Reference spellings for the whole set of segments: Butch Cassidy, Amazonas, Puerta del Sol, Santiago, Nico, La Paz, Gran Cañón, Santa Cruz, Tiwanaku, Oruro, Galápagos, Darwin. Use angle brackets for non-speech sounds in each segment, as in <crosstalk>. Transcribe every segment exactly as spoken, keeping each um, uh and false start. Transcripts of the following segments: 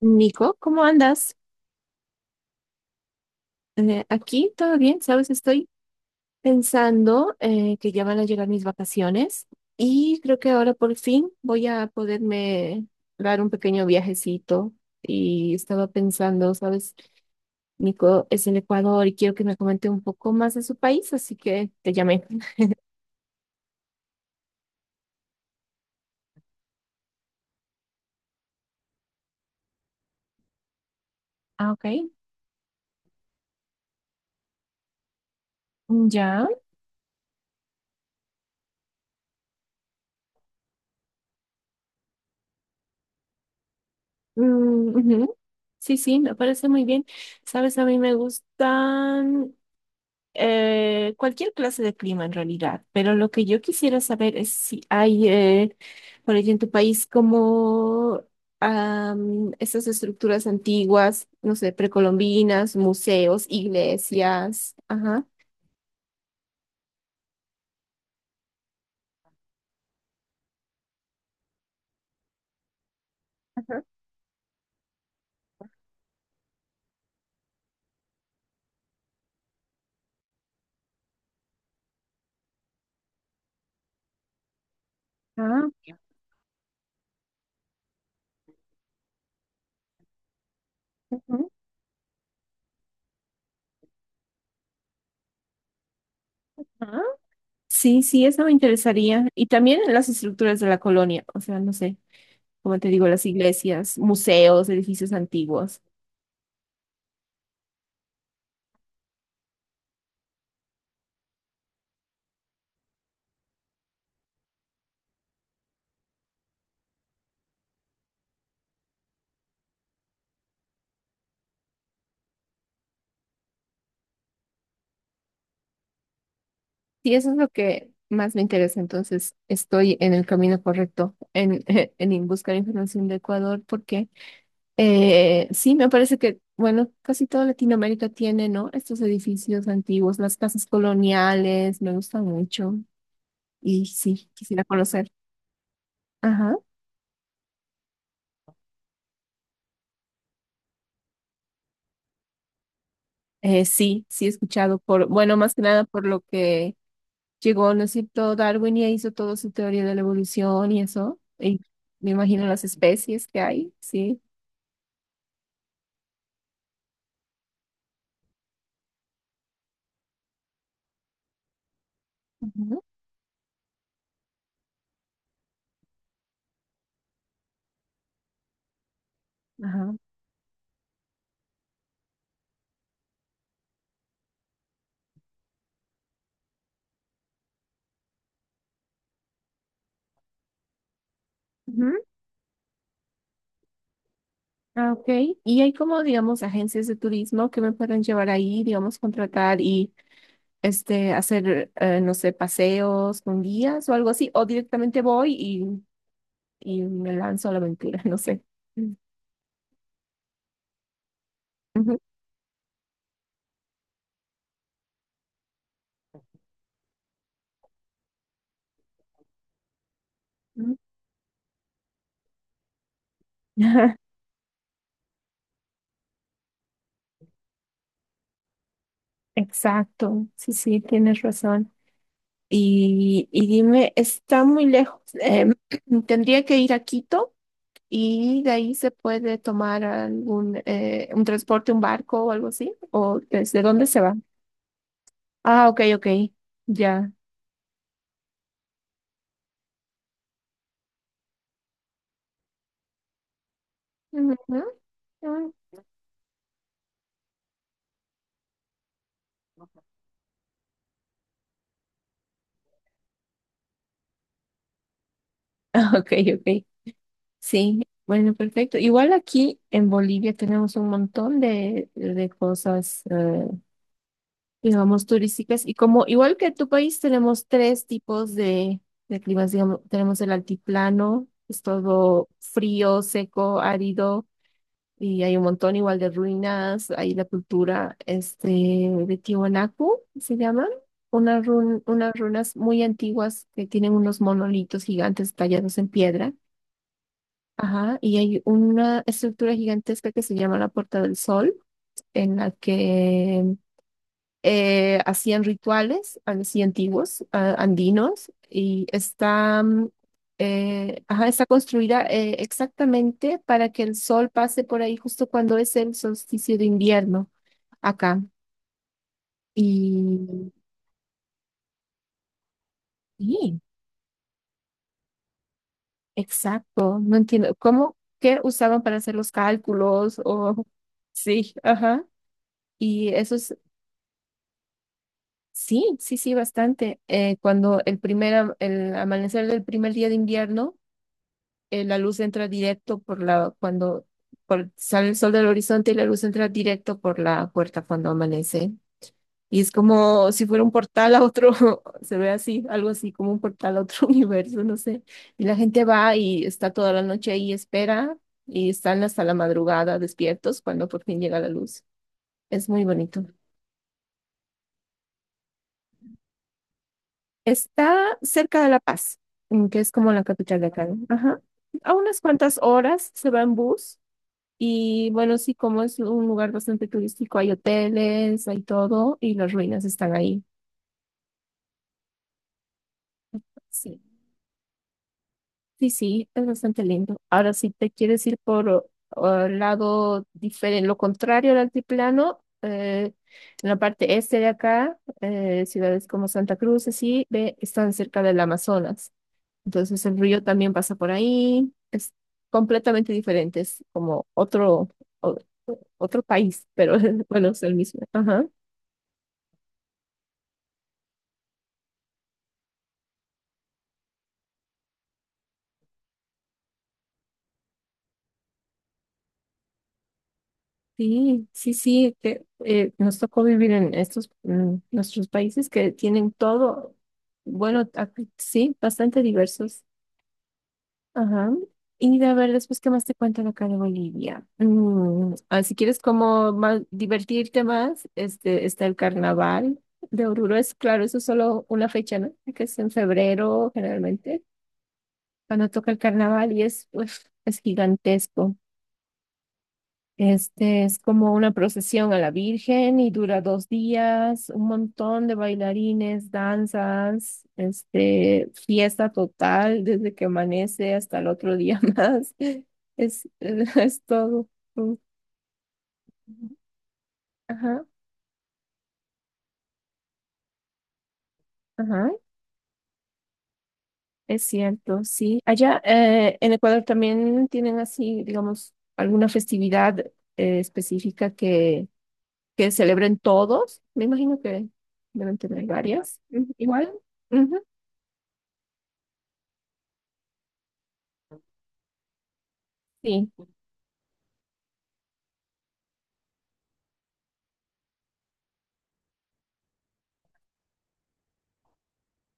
Nico, ¿cómo andas? Eh, aquí todo bien, ¿sabes? Estoy pensando eh, que ya van a llegar mis vacaciones y creo que ahora por fin voy a poderme dar un pequeño viajecito. Y estaba pensando, ¿sabes? Nico es del Ecuador y quiero que me comente un poco más de su país, así que te llamé. Ah, ok. Ya. Mm, ujú. Sí, sí, me parece muy bien. ¿Sabes? A mí me gustan. Eh, cualquier clase de clima en realidad, pero lo que yo quisiera saber es si hay, eh, por allí en tu país, como am, esas estructuras antiguas, no sé, precolombinas, museos, iglesias. Ajá. Ajá. Ah, ujú, ajá. Sí, sí, eso me interesaría. Y también las estructuras de la colonia, o sea, no sé, como te digo, las iglesias, museos, edificios antiguos. Sí, eso es lo que más me interesa. Entonces, estoy en el camino correcto en, <laughs> en buscar información de Ecuador porque eh, sí, me parece que, bueno, casi toda Latinoamérica tiene, ¿no? Estos edificios antiguos, las casas coloniales, me gusta mucho y sí, quisiera conocer. Ajá. Eh, sí, sí he escuchado por, bueno, más que nada por lo que llegó, ¿no es cierto? Darwin y hizo toda su teoría de la evolución y eso. Y me imagino las especies que hay, sí. Ujú. Ajá. Ujú, ah, ok, y hay como, digamos, agencias de turismo que me pueden llevar ahí, digamos, contratar y este, hacer, eh, no sé, paseos con guías o algo así, o directamente voy y, y me lanzo a la aventura, <laughs> no sé. Mm, ujú, ujú. <laughs> Exacto, sí, sí, tienes razón. Y, y dime, está muy lejos. Em, <clears throat> tendría que ir a Quito y de ahí se puede tomar algún eh, un transporte, un barco o algo así, o desde dónde se va. Ah, ok, ok. Ya. Ujú, ujú. Ah, <laughs> ok, ok. Sí, bueno, perfecto. Igual aquí en Bolivia tenemos un montón de, de cosas, eh, digamos, turísticas. Y como igual que tu país, tenemos tres tipos de, de climas, digamos, tenemos el altiplano, es todo frío, seco, árido. Y hay un montón igual de ruinas, hay la cultura este, de Tiwanaku, se llaman, unas, run- unas runas muy antiguas que tienen unos monolitos gigantes tallados en piedra, ajá, y hay una estructura gigantesca que se llama la Puerta del Sol, en la que eh, hacían rituales así antiguos, a- andinos, y está, mm, eh, ajá, está construida eh, exactamente para que el sol pase por ahí justo cuando es el solsticio de invierno acá. Y sí, exacto, no entiendo cómo, qué usaban para hacer los cálculos o sí, ajá. Y eso es, sí, sí, sí, bastante. Eh, cuando el primer, am- el amanecer del primer día de invierno eh, la luz entra directo por la, cuando por- sale el sol del horizonte y la luz entra directo por la puerta cuando amanece. Y es como si fuera un portal a otro, <laughs> se ve así, algo así como un portal a otro <laughs> universo, no sé. Y la gente va y está toda la noche ahí, espera, y están hasta la madrugada despiertos cuando por fin llega la luz. Es muy bonito. Está cerca de La Paz, mm, que es como la capital de acá. ¿No? Ajá. A unas cuantas horas se va en bus. Y bueno, sí, como es un lugar bastante turístico, hay hoteles, hay todo y las ruinas están ahí. Sí, sí, sí, es bastante lindo. Ahora, si te quieres ir por el lado diferente, lo contrario al altiplano, eh, en la parte este de acá, eh, ciudades como Santa Cruz, así, ve, están cerca del Amazonas. Entonces el río también pasa por ahí, es completamente diferente, es como otro, o- otro país, pero <laughs> bueno, es el mismo. Ajá. Sí, sí, sí, que eh, nos tocó vivir en estos mm, nuestros países que tienen todo, bueno, aquí sí, bastante diversos. Ajá. Y a ver, después, ¿qué más te cuentan acá de Bolivia? Mm, ah, si quieres como más, divertirte más, este, está el carnaval de Oruro. Es claro, eso es solo una fecha, ¿no? Que es en febrero generalmente, cuando toca el carnaval y es, uf, es gigantesco. Este es como una procesión a la Virgen y dura dos días, un montón de bailarines, danzas, este, fiesta total desde que amanece hasta el otro día <laughs> más. Es, es todo. Ajá, ajá, es cierto, sí. Allá eh, en Ecuador también tienen así, digamos, alguna festividad eh, específica que, que celebren todos. Me imagino que deben tener varias. Ujú, igual. Sí,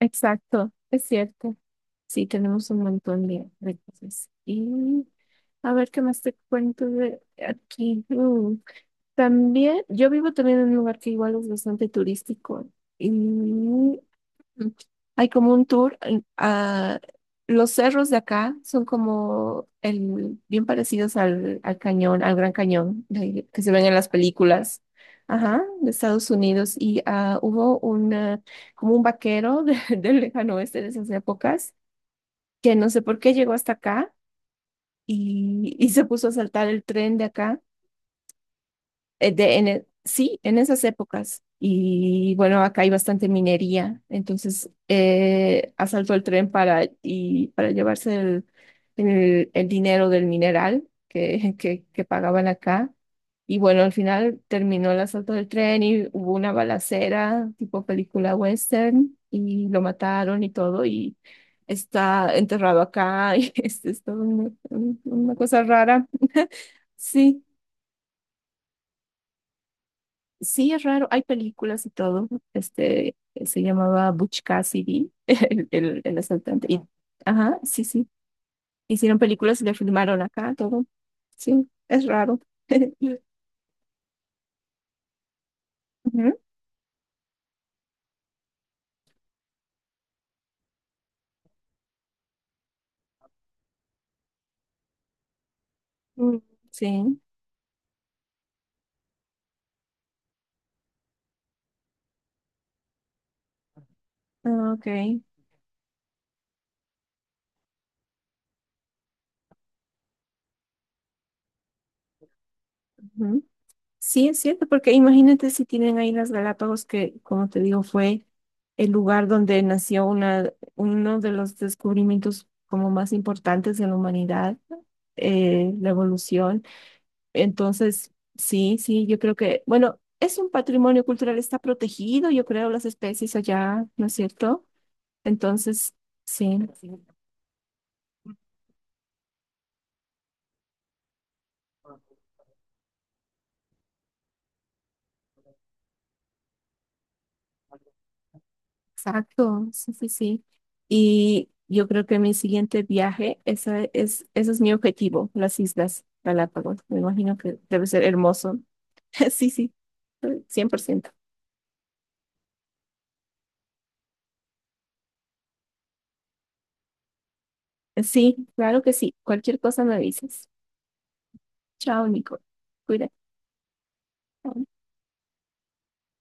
exacto, es cierto. Sí, tenemos un montón de, de cosas. Y a ver qué más te cuento de aquí. Mm, también, yo vivo también en un lugar que igual es bastante turístico. Y mm, hay como un tour en- a los cerros de acá son como el, bien parecidos al, al cañón, al Gran Cañón de- que se ven en las películas, ajá, de Estados Unidos. Y ah, hubo una, como un vaquero de- <laughs> del lejano oeste de esas épocas que no sé por qué llegó hasta acá y, y se puso a saltar el tren de acá eh, de- en e- sí, en esas épocas. Y bueno, acá hay bastante minería, entonces eh, asaltó el tren para, y, para llevarse el, el, el dinero del mineral que, <laughs> que, que pagaban acá. Y bueno, al final terminó el asalto del tren y hubo una balacera tipo película western y lo mataron y todo y está enterrado acá <laughs> y es, es todo una una cosa rara. Sí. Sí, es raro, hay películas y todo. Este se llamaba Butch Cassidy, <laughs> el, el, el asaltante. Y, ajá, sí, sí. Hicieron películas y le filmaron acá todo. Sí, es raro. <laughs> Ujú. Mm, sí, ah, ok. Ujú. Sí, es cierto, porque imagínate si tienen ahí las Galápagos, que como te digo, fue el lugar donde nació una, uno de los descubrimientos como más importantes de la humanidad, eh, la evolución. Entonces, sí, sí, yo creo que, bueno, es un patrimonio cultural, está protegido, yo creo, las especies allá, ¿no es cierto? Entonces, sí, sí, exacto, sí, sí, sí. Y yo creo que mi siguiente viaje, esa es, ese es mi objetivo, las Islas Galápagos. Me imagino que debe ser hermoso. <laughs> Sí, sí, cien por ciento. Sí, claro que sí. Cualquier cosa me avisas. Chao, Nico. Cuídate.